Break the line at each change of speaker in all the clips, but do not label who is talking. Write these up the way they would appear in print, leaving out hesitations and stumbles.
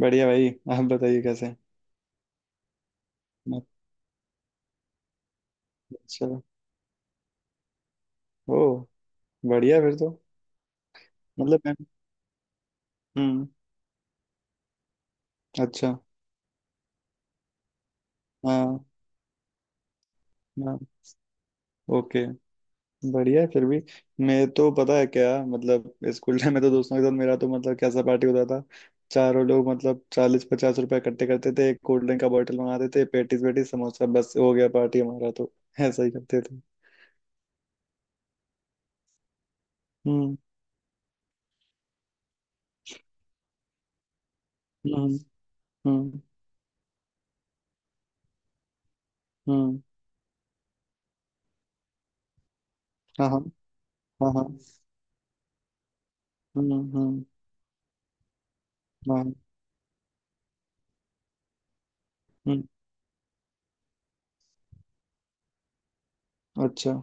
बढ़िया भाई। आप बताइए कैसे हैं? मतलब। चलो। ओ। बढ़िया फिर तो। मतलब मैं। हम्म। अच्छा। हाँ। हाँ। ओके। बढ़िया है फिर भी। मैं तो पता है क्या मतलब स्कूल टाइम में तो दोस्तों के साथ मेरा तो मतलब कैसा पार्टी होता था। चारों लोग मतलब 40-50 रुपए इकट्ठे करते थे एक कोल्ड ड्रिंक का बॉटल मंगाते थे पेटीज वेटीज समोसा बस हो गया पार्टी हमारा तो। ऐसा ही करते थे। हम्म। हम्म। हम्म। हम्म। हाँ। हाँ। हाँ। हाँ। हम्म। हम्म। हाँ। हम्म। अच्छा।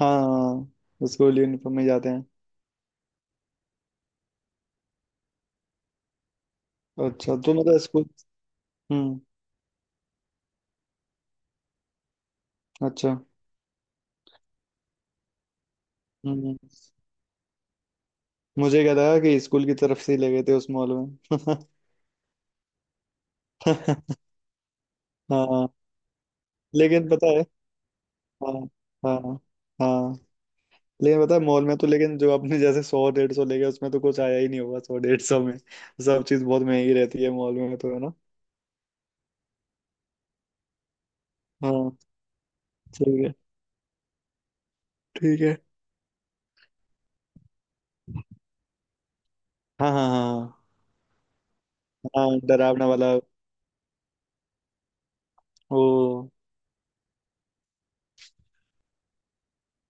हाँ स्कूल यूनिफॉर्म में जाते हैं। अच्छा तो मतलब स्कूल। हम्म। अच्छा। हम्म। मुझे क्या था कि स्कूल की तरफ से ही ले गए थे उस मॉल में। हाँ। लेकिन पता है। हाँ। हाँ। हाँ। लेकिन पता है मॉल में तो लेकिन जो आपने जैसे 100-150 ले गए उसमें तो कुछ आया ही नहीं होगा 100-150 में। सब चीज बहुत महंगी रहती है मॉल में तो है ना। हाँ। ठीक है। ठीक है। हाँ। हाँ। हाँ। हाँ डरावना वाला। ओ।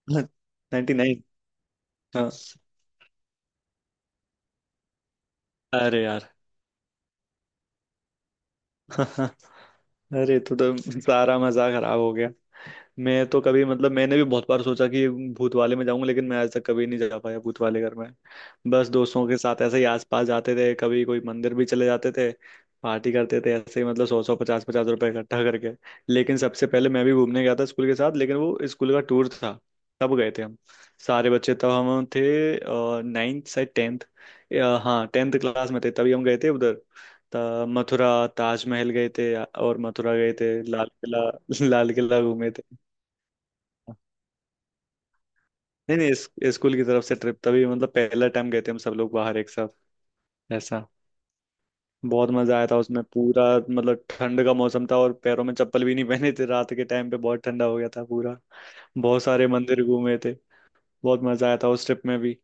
Ninety nine. हाँ। अरे यार। अरे तो सारा मजा खराब हो गया। मैं तो कभी मतलब मैंने भी बहुत बार सोचा कि भूत वाले में जाऊंगा लेकिन मैं आज तक कभी नहीं जा पाया भूत वाले घर में। बस दोस्तों के साथ ऐसे ही आसपास जाते थे कभी कोई मंदिर भी चले जाते थे। पार्टी करते थे ऐसे ही मतलब सौ सौ पचास पचास रुपए इकट्ठा करके। लेकिन सबसे पहले मैं भी घूमने गया था स्कूल के साथ लेकिन वो स्कूल का टूर था। तब गए थे हम। सारे बच्चे तब हम थे। नाइन्थ से टेंथ। हाँ टेंथ क्लास में थे तभी हम गए थे उधर। मथुरा। ताजमहल गए थे और मथुरा गए थे लाल किला। लाल किला घूमे थे। नहीं नहीं स्कूल की तरफ से ट्रिप तभी मतलब पहला टाइम गए थे हम सब लोग बाहर एक साथ। ऐसा। बहुत मजा आया था उसमें पूरा मतलब ठंड का मौसम था और पैरों में चप्पल भी नहीं पहने थे रात के टाइम पे बहुत ठंडा हो गया था पूरा। बहुत सारे मंदिर घूमे थे। बहुत मजा आया था उस ट्रिप में भी।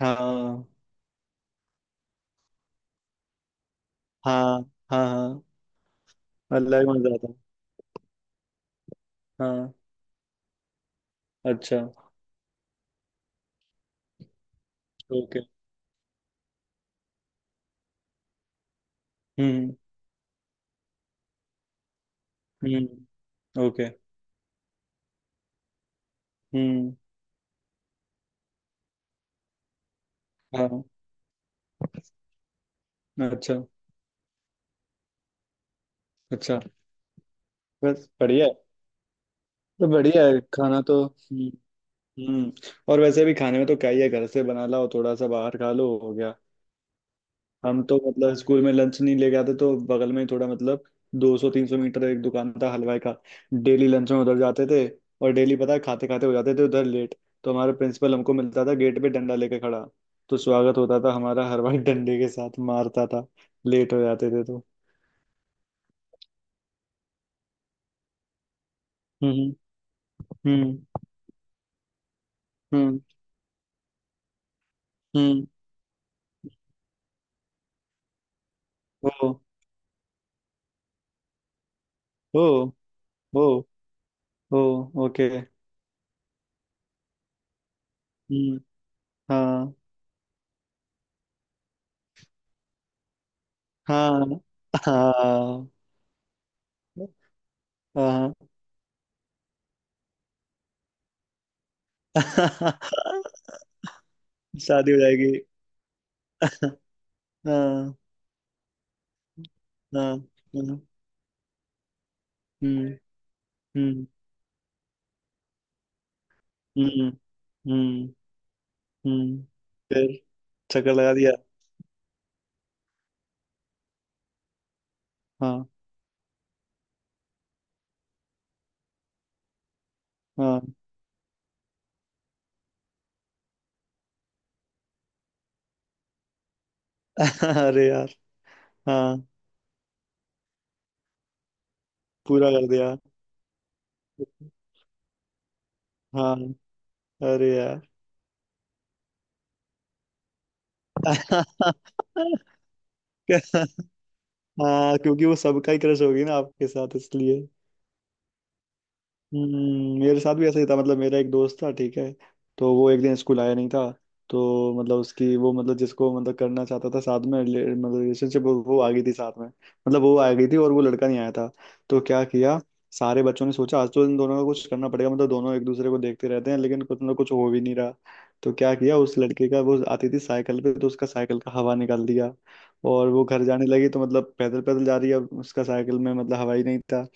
हाँ। हाँ। हाँ। हाँ। अलग मजा आता है। हाँ। अच्छा। ओके। हम्म। हम्म। ओके। हम्म। हाँ। अच्छा। अच्छा। बस बढ़िया है। तो बढ़िया है खाना तो हम्म। हम्म और वैसे भी खाने में तो क्या ही है घर से बना लाओ थोड़ा सा बाहर खा लो हो गया। हम तो मतलब स्कूल में लंच नहीं लेके आते तो बगल में ही थोड़ा मतलब 200-300 मीटर एक दुकान था हलवाई का। डेली लंच में उधर जाते थे। और डेली पता है खाते खाते हो जाते थे उधर लेट। तो हमारा प्रिंसिपल हमको मिलता था गेट पे डंडा लेके खड़ा। तो स्वागत होता था हमारा हलवाई डंडे के साथ मारता था। लेट हो जाते थे तो। हम्म। हम्म। हम्म। हम्म। ओ। ओ। ओ। ओ। ओके। हम्म। हाँ। हाँ। हाँ। हाँ। शादी हो जाएगी। हाँ। हाँ। हम्म। हम्म। हम्म। हम्म। हम्म। हम्म। फिर। चक्कर लगा दिया। हाँ। हाँ। अरे यार। हाँ। पूरा कर दिया। हाँ। अरे यार। हाँ क्योंकि वो सबका ही क्रश होगी ना आपके साथ इसलिए। मेरे साथ भी ऐसा ही था मतलब मेरा एक दोस्त था ठीक है। तो वो एक दिन स्कूल आया नहीं था। तो मतलब उसकी वो मतलब जिसको मतलब करना चाहता था साथ में मतलब रिलेशनशिप वो आ गई थी साथ में मतलब वो आ गई थी और वो लड़का नहीं आया था। तो क्या किया। सारे बच्चों ने सोचा आज तो इन दोनों को कुछ करना पड़ेगा मतलब दोनों एक दूसरे को देखते रहते हैं लेकिन कुछ ना कुछ हो भी नहीं रहा। तो क्या किया उस लड़के का वो आती थी साइकिल पे तो उसका साइकिल का हवा निकाल दिया। और वो घर जाने लगी तो मतलब पैदल पैदल जा रही है अब उसका साइकिल में मतलब हवा ही नहीं था।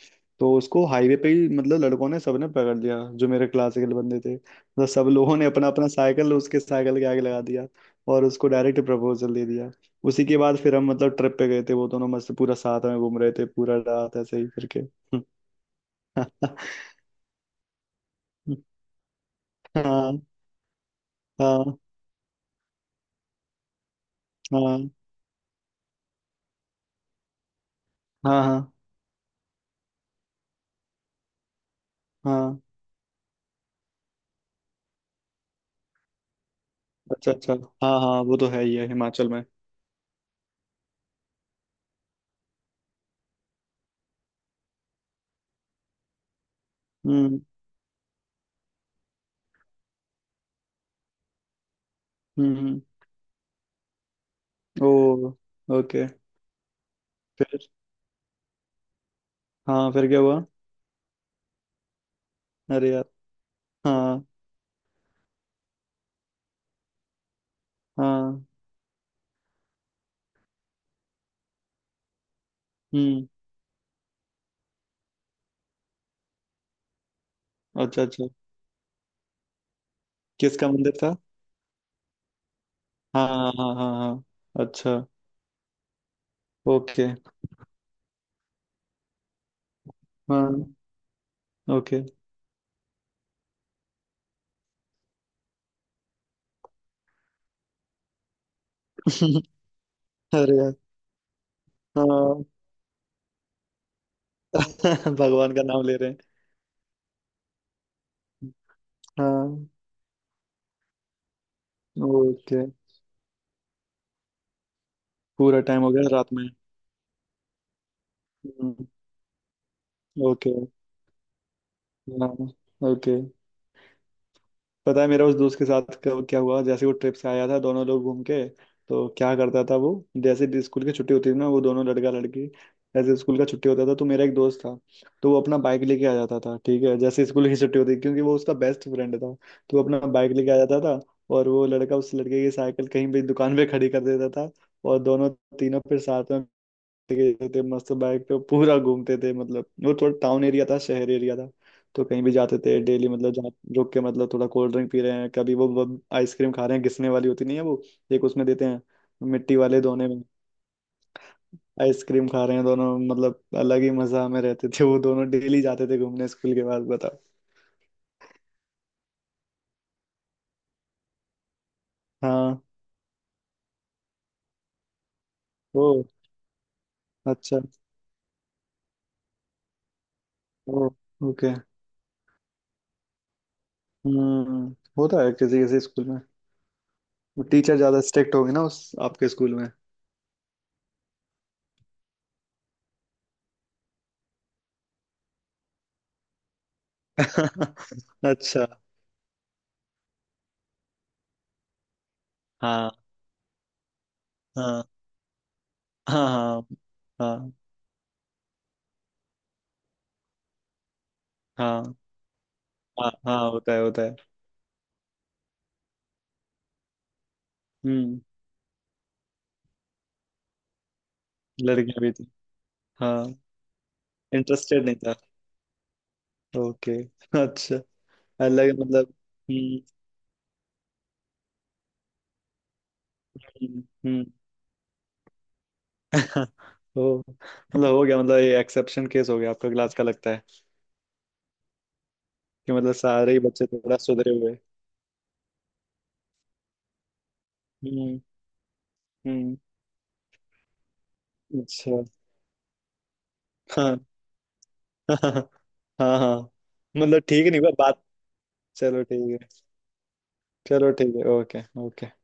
तो उसको हाईवे पे ही मतलब लड़कों ने सबने पकड़ लिया जो मेरे क्लासिकल बंदे थे मतलब सब लोगों ने अपना अपना साइकिल उसके साइकिल के आगे लगा दिया। और उसको डायरेक्ट प्रपोजल दे दिया। उसी के बाद फिर हम मतलब ट्रिप पे गए थे वो दोनों मस्त पूरा साथ में घूम रहे थे पूरा रात ऐसे ही करके। हाँ। हाँ। हाँ। हाँ। हाँ। हाँ। अच्छा। अच्छा। हाँ हाँ वो तो है ही है हिमाचल में। हम्म। हम्म। ओ। ओके। फिर। हाँ फिर क्या हुआ। अरे यार। हाँ। हाँ। हम्म। अच्छा। अच्छा। किसका मंदिर था। हाँ हाँ हाँ हाँ हाँ, अच्छा। ओके। हाँ। ओके। अरे यार। हाँ। भगवान का नाम ले रहे हैं। हाँ। ओके। पूरा टाइम हो गया रात में। हम्म। ओके। हाँ। ओके। पता है मेरा उस दोस्त के साथ कब क्या हुआ जैसे वो ट्रिप से आया था दोनों लोग घूम के। तो क्या करता था वो। जैसे स्कूल की छुट्टी होती थी ना वो दोनों लड़का लड़की। जैसे स्कूल का छुट्टी होता था तो मेरा एक दोस्त था। तो वो अपना बाइक लेके आ जाता था ठीक है जैसे स्कूल की छुट्टी होती क्योंकि वो उसका बेस्ट फ्रेंड था। तो वो अपना बाइक लेके आ जाता था। और वो लड़का उस लड़के की साइकिल कहीं भी दुकान पे खड़ी कर देता था। और दोनों। तीनों फिर साथ में। गए थे मस्त बाइक पे पूरा घूमते थे मतलब वो थोड़ा टाउन एरिया था शहर एरिया था। तो कहीं भी जाते थे डेली मतलब जहाँ। रुक के मतलब थोड़ा कोल्ड ड्रिंक पी रहे हैं कभी वो आइसक्रीम खा रहे हैं घिसने वाली होती नहीं है वो। एक उसमें देते हैं। मिट्टी वाले दोने में। आइसक्रीम खा रहे हैं दोनों मतलब अलग ही मजा में रहते थे वो दोनों डेली जाते थे घूमने स्कूल के बाद बताओ। हाँ। ओ। अच्छा। ओ। ओके। होता है किसी किसी स्कूल में। वो टीचर ज्यादा स्ट्रिक्ट होगी ना उस आपके स्कूल में। अच्छा। हाँ। हाँ। हाँ। हाँ। हाँ। हाँ। हाँ। हाँ होता है होता है। हम्म। लड़कियां भी थी। हाँ। इंटरेस्टेड नहीं था। ओके। अच्छा। अलग मतलब। हम्म। हम्म। हम्म। ओ मतलब हो गया मतलब ये एक्सेप्शन केस हो गया आपका क्लास का लगता है। कि मतलब सारे ही बच्चे थोड़ा सुधरे हुए। हम्म। हम्म। अच्छा। हाँ। हाँ। हाँ। हाँ। हाँ। मतलब ठीक नहीं हुआ बात। चलो ठीक है। चलो ठीक है ओके ओके।